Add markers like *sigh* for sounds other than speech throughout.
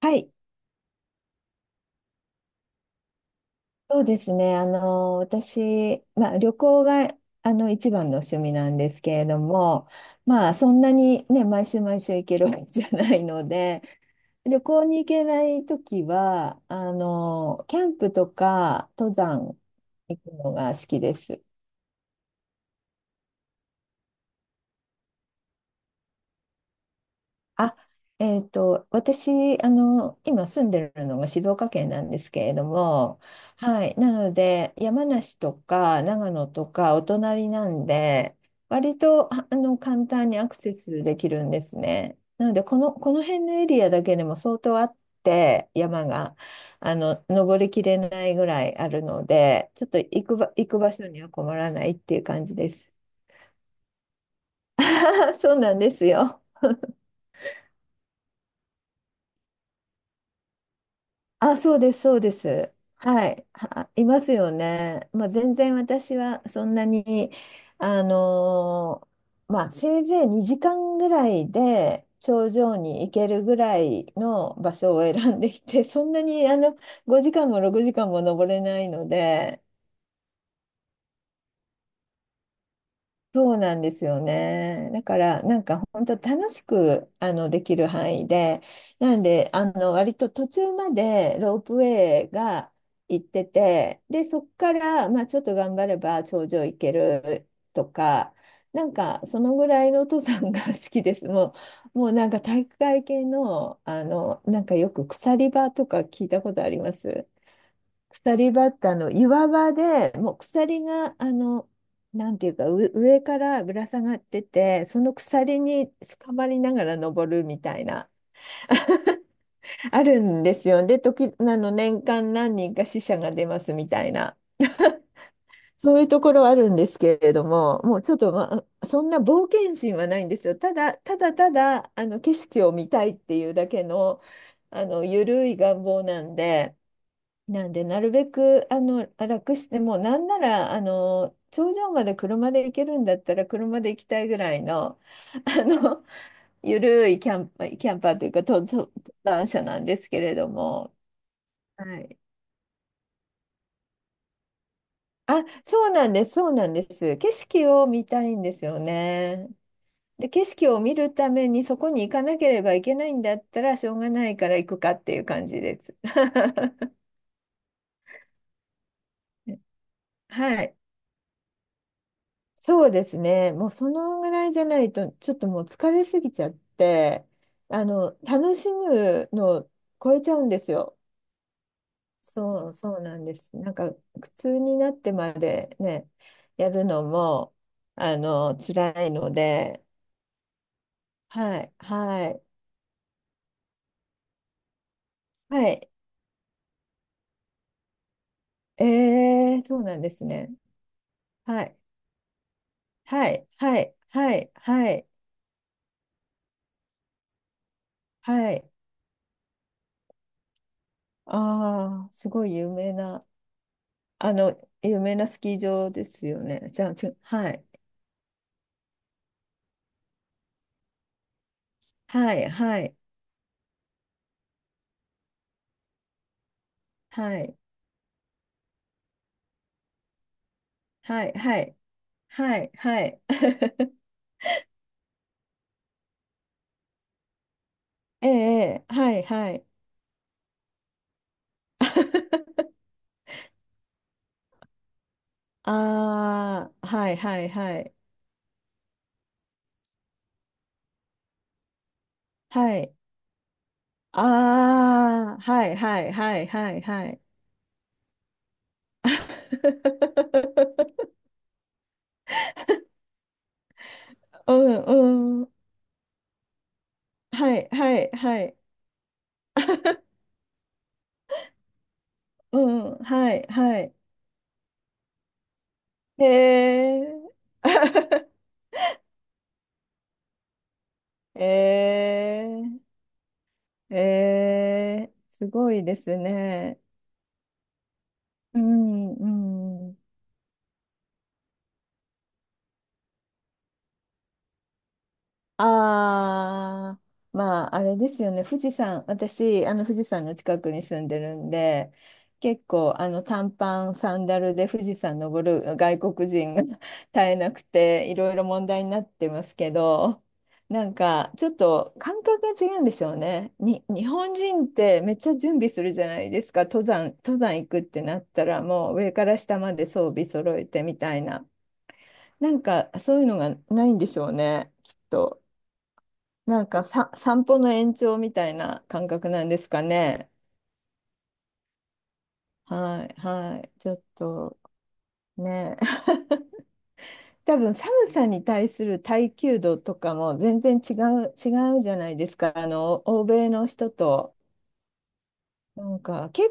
はい、そうですね。私、旅行が、一番の趣味なんですけれども、まあ、そんなにね、毎週毎週行けるわけじゃないので、*laughs* 旅行に行けないときは、キャンプとか登山行くのが好きです。あ、私、今住んでるのが静岡県なんですけれども、はい、なので、山梨とか長野とかお隣なんで、割と、簡単にアクセスできるんですね。なので、この辺のエリアだけでも相当あって、山が、登りきれないぐらいあるので、ちょっと行くば、行く場所には困らないっていう感じです。*laughs* そうなんですよ。あ、そうです、そうです。はい、は、いますよね。まあ、全然私はそんなに、あのまあ、せいぜい2時間ぐらいで頂上に行けるぐらいの場所を選んでいて、そんなに5時間も6時間も登れないので、そうなんですよね。だからなんか本当楽しくできる範囲で、なんで割と途中までロープウェイが行ってて、でそこからまあちょっと頑張れば頂上行けるとか、なんかそのぐらいの登山が *laughs* 好きです。もうなんか体育会系の、なんかよく鎖場とか聞いたことあります。鎖バッタの岩場でもう鎖がなんていうかう上からぶら下がっててその鎖に捕まりながら登るみたいなあるんですよ。で時年間何人か死者が出ますみたいなそういうところはあるんですけれども、もうちょっと、まあ、そんな冒険心はないんですよ。ただあの景色を見たいっていうだけの、あの緩い願望なんで。なんで、なるべく楽して、もうなんならあの頂上まで車で行けるんだったら車で行きたいぐらいの、*laughs* あのゆるいキャンパーというか登山者なんですけれども、はい、あ、そうなんです、そうなんです。景色を見たいんですよね。で、景色を見るためにそこに行かなければいけないんだったらしょうがないから行くかっていう感じです。*laughs* はい、そうですね。もうそのぐらいじゃないと、ちょっともう疲れすぎちゃって、楽しむのを超えちゃうんですよ。そうなんです。なんか、苦痛になってまでね、やるのも、辛いので、はい、はい、はい。えー、そうなんですね。はい、はい、はい、はい、はい、はい。ああ、すごい有名な。あの、有名なスキー場ですよね。じゃあ、ちょ、はい。はい、はい、はい、はい、はい、はい、はい。*laughs* ええ、ええ、はい、はい。*laughs* ああ、はい、はい、はい、はい。ああ、はい、はい、はい、はい、はい。*laughs* うん、うん。はい、はい、はい。*laughs* うん、はい、はい。へえ。*laughs* へえ。えー、すごいですね。うん、うん。ああ、まあ、あれですよね、富士山、私、富士山の近くに住んでるんで、結構、短パン、サンダルで富士山登る外国人が *laughs* 絶えなくて、いろいろ問題になってますけど、なんか、ちょっと感覚が違うんでしょうね。に、日本人ってめっちゃ準備するじゃないですか、登山行くってなったら、もう上から下まで装備揃えてみたいな。なんか、そういうのがないんでしょうね、きっと。なんかさ、散歩の延長みたいな感覚なんですかね。はい、はい。ちょっと、ね。*laughs* 多分寒さに対する耐久度とかも全然違うじゃないですか。欧米の人と。なんか、け、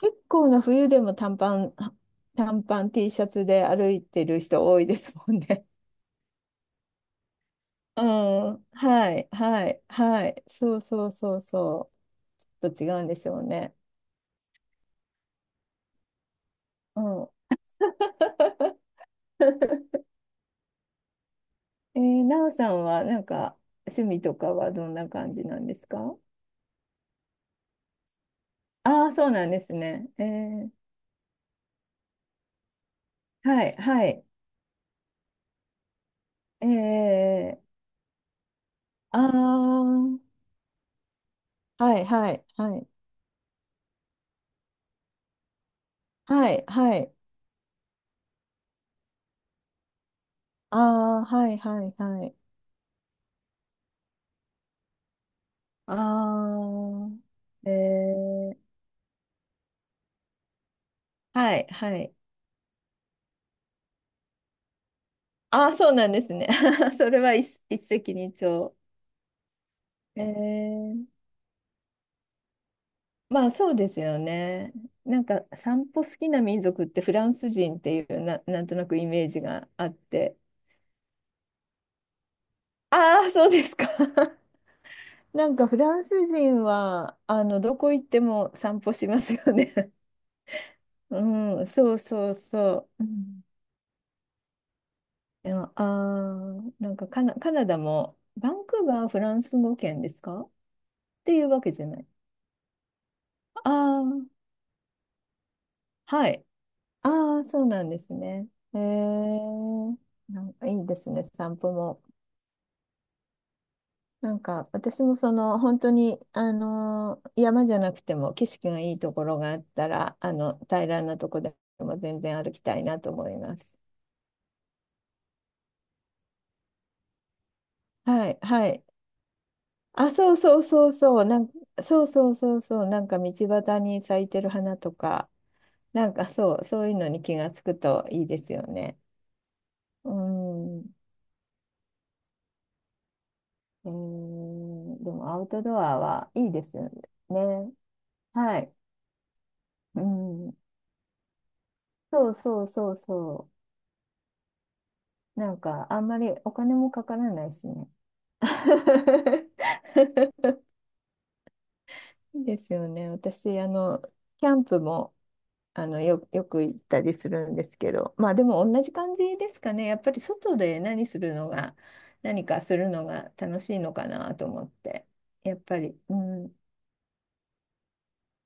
結構な冬でも短パン T シャツで歩いてる人多いですもんね。*laughs* うん、はい、はい、はい。そうそうそうそう。ちょっと違うんでしょうね。うん。*laughs* *laughs* えー、なおさんはなんか趣味とかはどんな感じなんですか？ああー、そうなんですね。えー、はい、はい。えー、ああ、はい、はい、はい。はい、はい。ああ、はい、はい、はい。ああ、えー、はい、はい。ああ、そうなんですね。*laughs* それは一石二鳥。えー、まあそうですよね。なんか散歩好きな民族ってフランス人っていうな、なんとなくイメージがあって。ああ、そうですか。*laughs* なんかフランス人はあのどこ行っても散歩しますよね。*laughs* うん、そうそうそう。うん、でも、あー、なんかカナダもバンクーバーはフランス語圏ですかっていうわけじゃない。ああ、はい。ああ、そうなんですね。えー、なんかいいですね、散歩も。なんか私もその本当にあの山じゃなくても景色がいいところがあったらあの平らなとこでも全然歩きたいなと思います。はい、はい、あ、そうそうそうそうなん、そうそうそうそうなんか道端に咲いてる花とかなんかそうそういうのに気がつくといいですよね。うん、えーでもアウトドアはいいですよね。はい。うん、そうそうそうそう。なんか、あんまりお金もかからないしね。*laughs* いいですよね。私、キャンプも、よく行ったりするんですけど、まあでも同じ感じですかね。やっぱり外で何するのが、何かするのが楽しいのかなと思って。やっぱり、うん。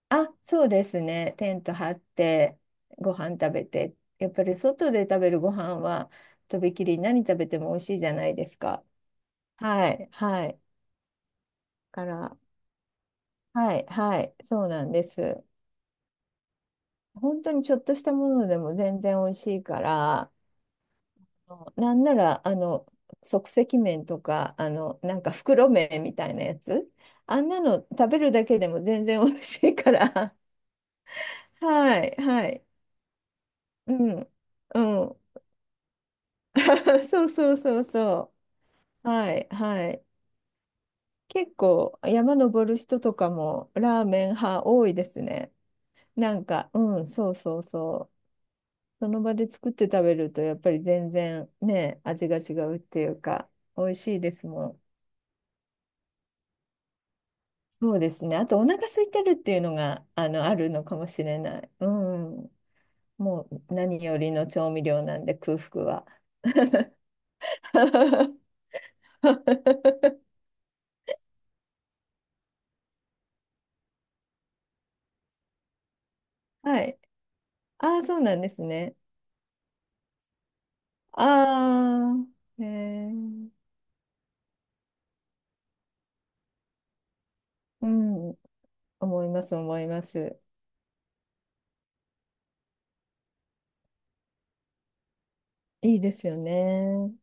あ、そうですね。テント張って、ご飯食べて。やっぱり外で食べるご飯は、とびきり何食べても美味しいじゃないですか。はい、はい。から、はい、はい、そうなんです。本当にちょっとしたものでも全然美味しいから、なんなら、即席麺とか、なんか袋麺みたいなやつ、あんなの食べるだけでも全然美味しいから、*laughs* はい、はい、うん、うん、*laughs* そうそうそうそう、はい、はい。結構山登る人とかもラーメン派多いですね。なんか、うん、そうそうそう。その場で作って食べるとやっぱり全然ね、味が違うっていうか、美味しいですもん。そうですね。あとお腹空いてるっていうのが、あるのかもしれない。うん。もう何よりの調味料なんで空腹は。*laughs* はい。ああ、そうなんですね。ああ、えー、うん。思います、思います。いいですよね。